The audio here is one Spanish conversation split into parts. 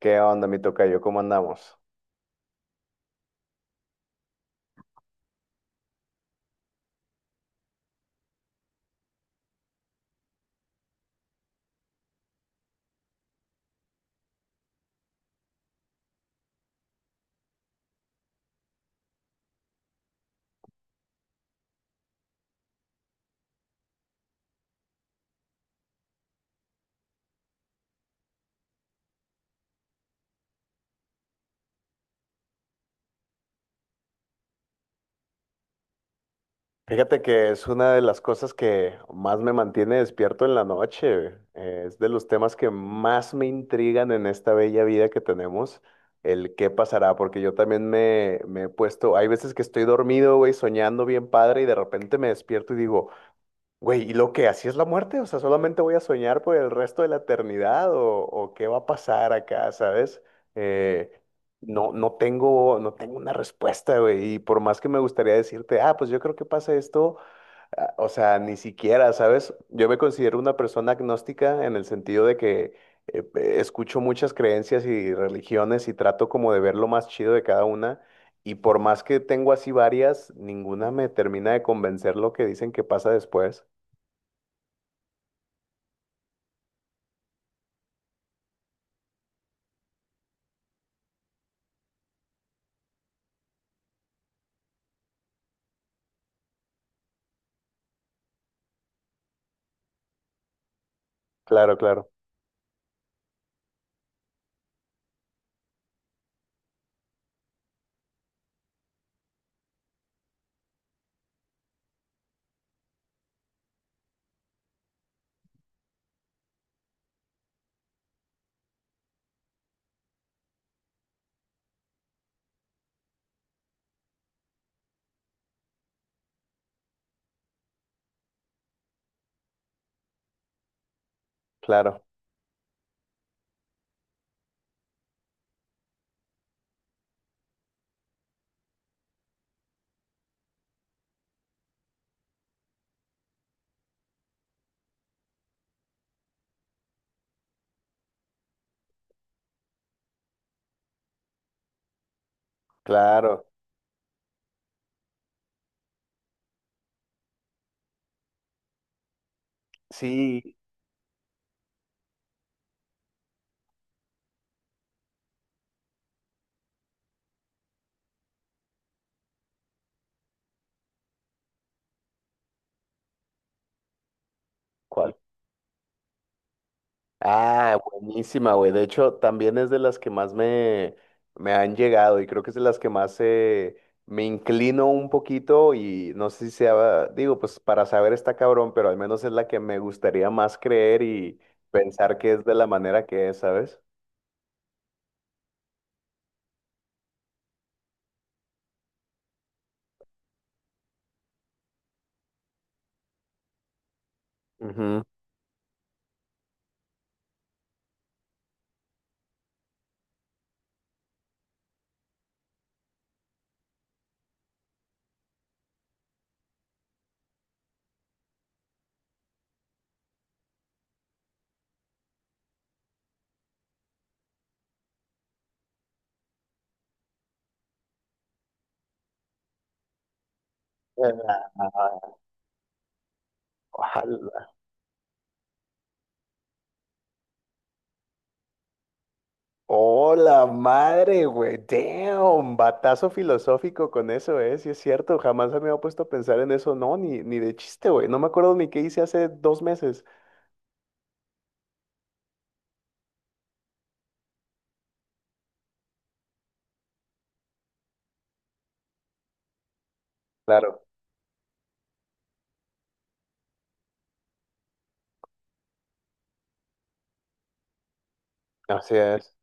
¿Qué onda, mi tocayo? ¿Cómo andamos? Fíjate que es una de las cosas que más me mantiene despierto en la noche. Es de los temas que más me intrigan en esta bella vida que tenemos, el qué pasará, porque yo también me he puesto, hay veces que estoy dormido, güey, soñando bien padre y de repente me despierto y digo, güey, ¿y lo que así es la muerte? O sea, solamente voy a soñar por el resto de la eternidad o qué va a pasar acá, ¿sabes? Eh, no tengo una respuesta, güey. Y por más que me gustaría decirte, ah, pues yo creo que pasa esto, o sea, ni siquiera, ¿sabes? Yo me considero una persona agnóstica en el sentido de que escucho muchas creencias y religiones y trato como de ver lo más chido de cada una. Y por más que tengo así varias, ninguna me termina de convencer lo que dicen que pasa después. Claro, claro, claro, claro. Sí. ¿Cuál? Ah, buenísima, güey. De hecho, también es de las que más me han llegado y creo que es de las que más me inclino un poquito y no sé si sea, digo, pues para saber está cabrón, pero al menos es la que me gustaría más creer y pensar que es de la manera que es, ¿sabes? Ujú. Eh, ojalá. Hola, madre, güey. Damn, batazo filosófico con eso, ¿eh? Sí es cierto, jamás me había puesto a pensar en eso, no, ni de chiste, güey. No me acuerdo ni qué hice hace dos meses. Claro, así es.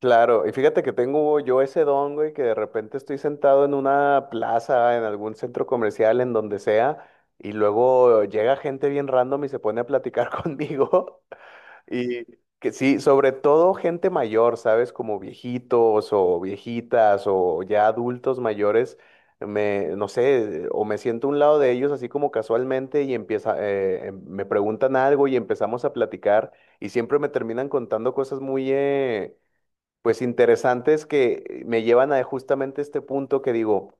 Claro, y fíjate que tengo yo ese don, güey, que de repente estoy sentado en una plaza, en algún centro comercial, en donde sea, y luego llega gente bien random y se pone a platicar conmigo. Y que sí, sobre todo gente mayor, ¿sabes? Como viejitos o viejitas o ya adultos mayores, me, no sé, o me siento a un lado de ellos así como casualmente y empieza, me preguntan algo y empezamos a platicar y siempre me terminan contando cosas muy, pues interesantes que me llevan a justamente este punto que digo,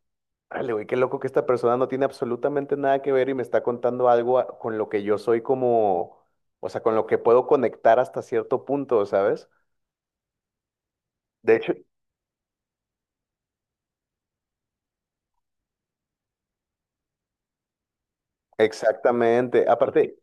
órale, güey, qué loco que esta persona no tiene absolutamente nada que ver y me está contando algo con lo que yo soy como, o sea, con lo que puedo conectar hasta cierto punto, ¿sabes? De hecho, exactamente. Ok. Aparte,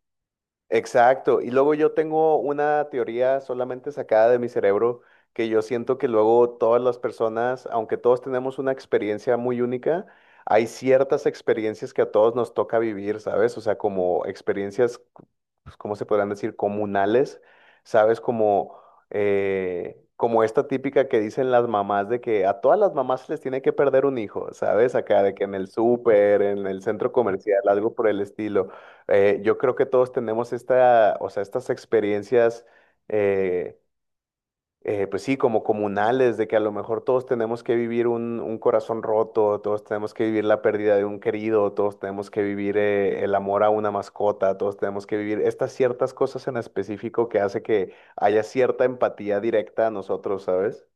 exacto. Y luego yo tengo una teoría solamente sacada de mi cerebro que yo siento que luego todas las personas, aunque todos tenemos una experiencia muy única, hay ciertas experiencias que a todos nos toca vivir, ¿sabes? O sea, como experiencias pues, ¿cómo se podrán decir? Comunales, ¿sabes? Como, como esta típica que dicen las mamás de que a todas las mamás se les tiene que perder un hijo, ¿sabes? Acá de que en el súper, en el centro comercial, algo por el estilo. Yo creo que todos tenemos esta, o sea, estas experiencias. eh, pues sí, como comunales, de que a lo mejor todos tenemos que vivir un corazón roto, todos tenemos que vivir la pérdida de un querido, todos tenemos que vivir el amor a una mascota, todos tenemos que vivir estas ciertas cosas en específico que hace que haya cierta empatía directa a nosotros, ¿sabes?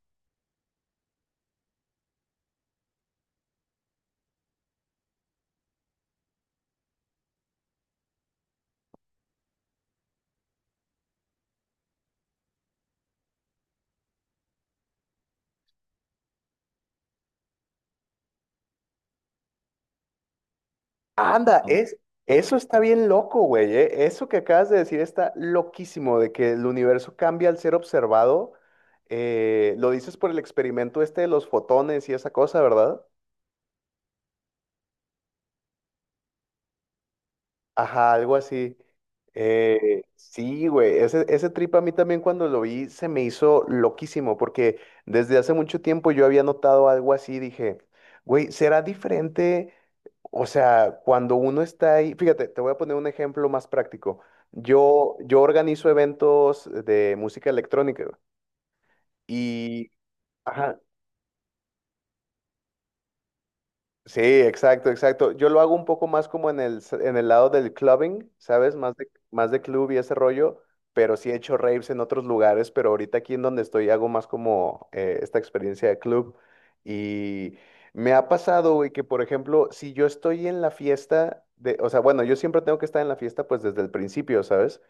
Anda, Am- es, eso está bien loco, güey, eso que acabas de decir está loquísimo, de que el universo cambia al ser observado. Lo dices por el experimento este de los fotones y esa cosa, ¿verdad? Ajá, algo así. Sí, güey, ese trip a mí también cuando lo vi se me hizo loquísimo, porque desde hace mucho tiempo yo había notado algo así, dije, güey, será diferente, o sea, cuando uno está ahí, fíjate, te voy a poner un ejemplo más práctico. Yo organizo eventos de música electrónica güey, y, ajá, sí, exacto, exacto. Yo lo hago un poco más como en en el lado del clubbing, ¿sabes? Más de club y ese rollo, pero sí he hecho raves en otros lugares, pero ahorita aquí en donde estoy hago más como esta experiencia de club. Y me ha pasado, güey, que por ejemplo, si yo estoy en la fiesta de, o sea, bueno, yo siempre tengo que estar en la fiesta pues desde el principio, ¿sabes?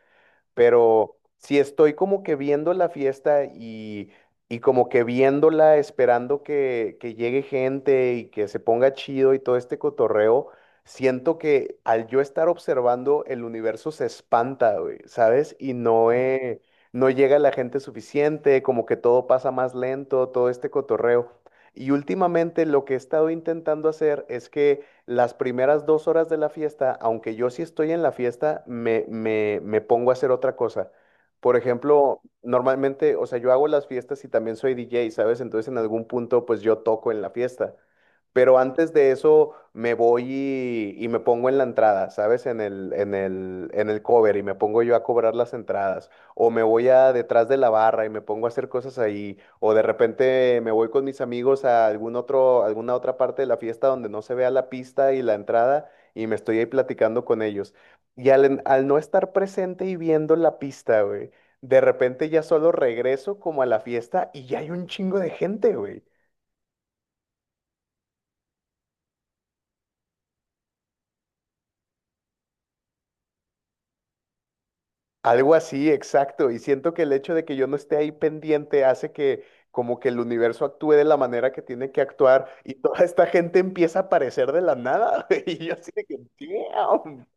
Pero si estoy como que viendo la fiesta y como que viéndola, esperando que llegue gente y que se ponga chido y todo este cotorreo, siento que al yo estar observando, el universo se espanta, güey, ¿sabes? Y no, no llega la gente suficiente, como que todo pasa más lento, todo este cotorreo. Y últimamente lo que he estado intentando hacer es que las primeras dos horas de la fiesta, aunque yo sí estoy en la fiesta, me pongo a hacer otra cosa. Por ejemplo, normalmente, o sea, yo hago las fiestas y también soy DJ, ¿sabes? Entonces en algún punto, pues yo toco en la fiesta. Pero antes de eso me voy y me pongo en la entrada, ¿sabes? En en el cover y me pongo yo a cobrar las entradas o me voy a detrás de la barra y me pongo a hacer cosas ahí, o de repente me voy con mis amigos a algún otro, alguna otra parte de la fiesta donde no se vea la pista y la entrada y me estoy ahí platicando con ellos. Y al no estar presente y viendo la pista, güey, de repente ya solo regreso como a la fiesta y ya hay un chingo de gente, güey. Algo así, exacto. Y siento que el hecho de que yo no esté ahí pendiente hace que como que el universo actúe de la manera que tiene que actuar y toda esta gente empieza a aparecer de la nada. Güey, y yo así de que, "Damn".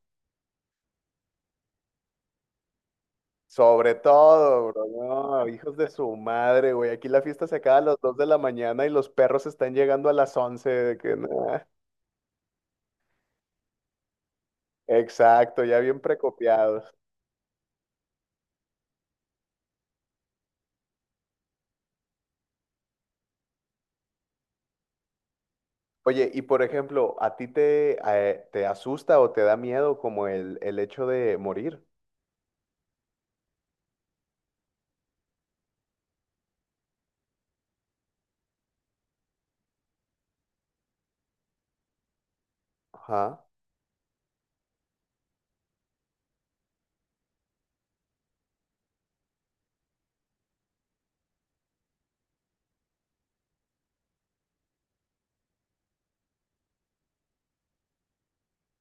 Sobre todo, bro, no, hijos de su madre, güey. Aquí la fiesta se acaba a las 2 de la mañana y los perros están llegando a las 11 de que, "Nah". Exacto, ya bien precopiados. Oye, y por ejemplo, ¿a ti te asusta o te da miedo como el hecho de morir? Ajá.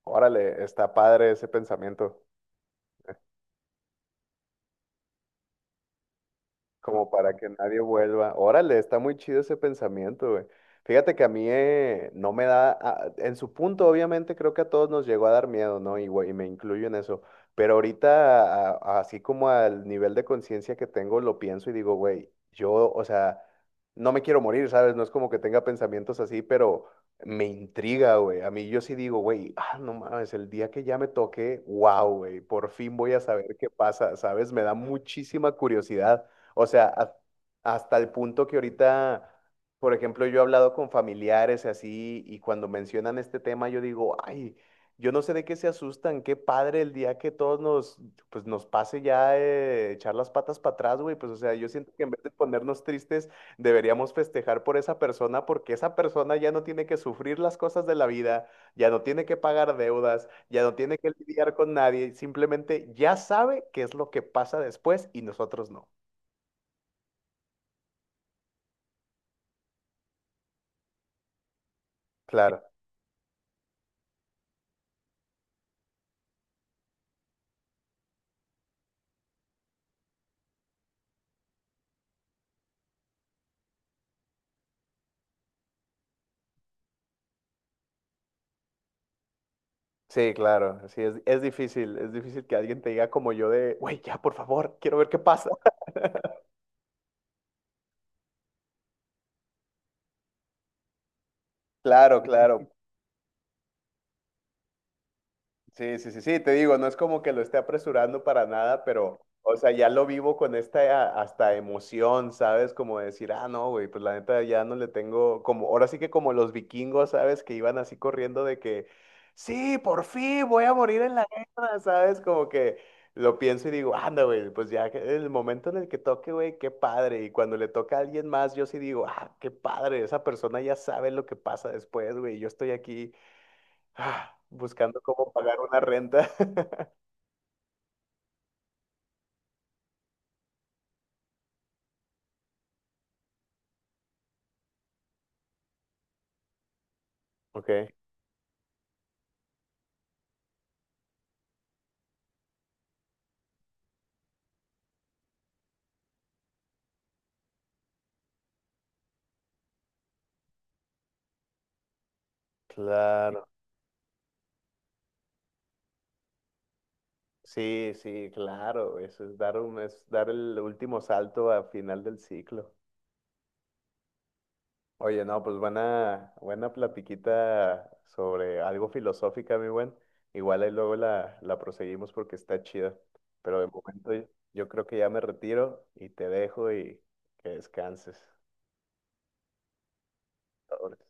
Órale, está padre ese pensamiento. Como para que nadie vuelva. Órale, está muy chido ese pensamiento, güey. Fíjate que a mí no me da, en su punto obviamente creo que a todos nos llegó a dar miedo, ¿no? Y, güey, y me incluyo en eso. Pero ahorita, así como al nivel de conciencia que tengo, lo pienso y digo, güey, yo, o sea, no me quiero morir, ¿sabes? No es como que tenga pensamientos así, pero me intriga, güey. A mí yo sí digo, güey, ah, no mames, el día que ya me toque, wow, güey, por fin voy a saber qué pasa, ¿sabes? Me da muchísima curiosidad. O sea, hasta el punto que ahorita, por ejemplo, yo he hablado con familiares y así, y cuando mencionan este tema, yo digo, ay, yo no sé de qué se asustan, qué padre el día que todos nos, pues nos pase ya echar las patas para atrás, güey. Pues, o sea, yo siento que en vez de ponernos tristes, deberíamos festejar por esa persona, porque esa persona ya no tiene que sufrir las cosas de la vida, ya no tiene que pagar deudas, ya no tiene que lidiar con nadie, simplemente ya sabe qué es lo que pasa después y nosotros no. Claro, sí, claro, sí, es difícil que alguien te diga como yo de, güey, ya, por favor, quiero ver qué pasa. Claro, claro, sí, sí, sí, sí, te digo, no es como que lo esté apresurando para nada, pero, o sea, ya lo vivo con esta hasta emoción, ¿sabes? Como decir, ah, no, güey, pues la neta ya no le tengo, como, ahora sí que como los vikingos, ¿sabes? Que iban así corriendo de que, sí, por fin voy a morir en la guerra, ¿sabes? Como que lo pienso y digo, anda, güey, el momento en el que toque, güey, qué padre. Y cuando le toca a alguien más, yo sí digo, ah, qué padre, esa persona ya sabe lo que pasa después, güey, yo estoy aquí ah, buscando cómo pagar una renta. Ok, claro. Sí, sí, claro. Eso es dar un, es dar el último salto al final del ciclo. Oye, no, pues buena, buena platiquita sobre algo filosófica, mi buen. Igual ahí luego la proseguimos porque está chida. Pero de momento yo creo que ya me retiro y te dejo y que descanses. Sobres.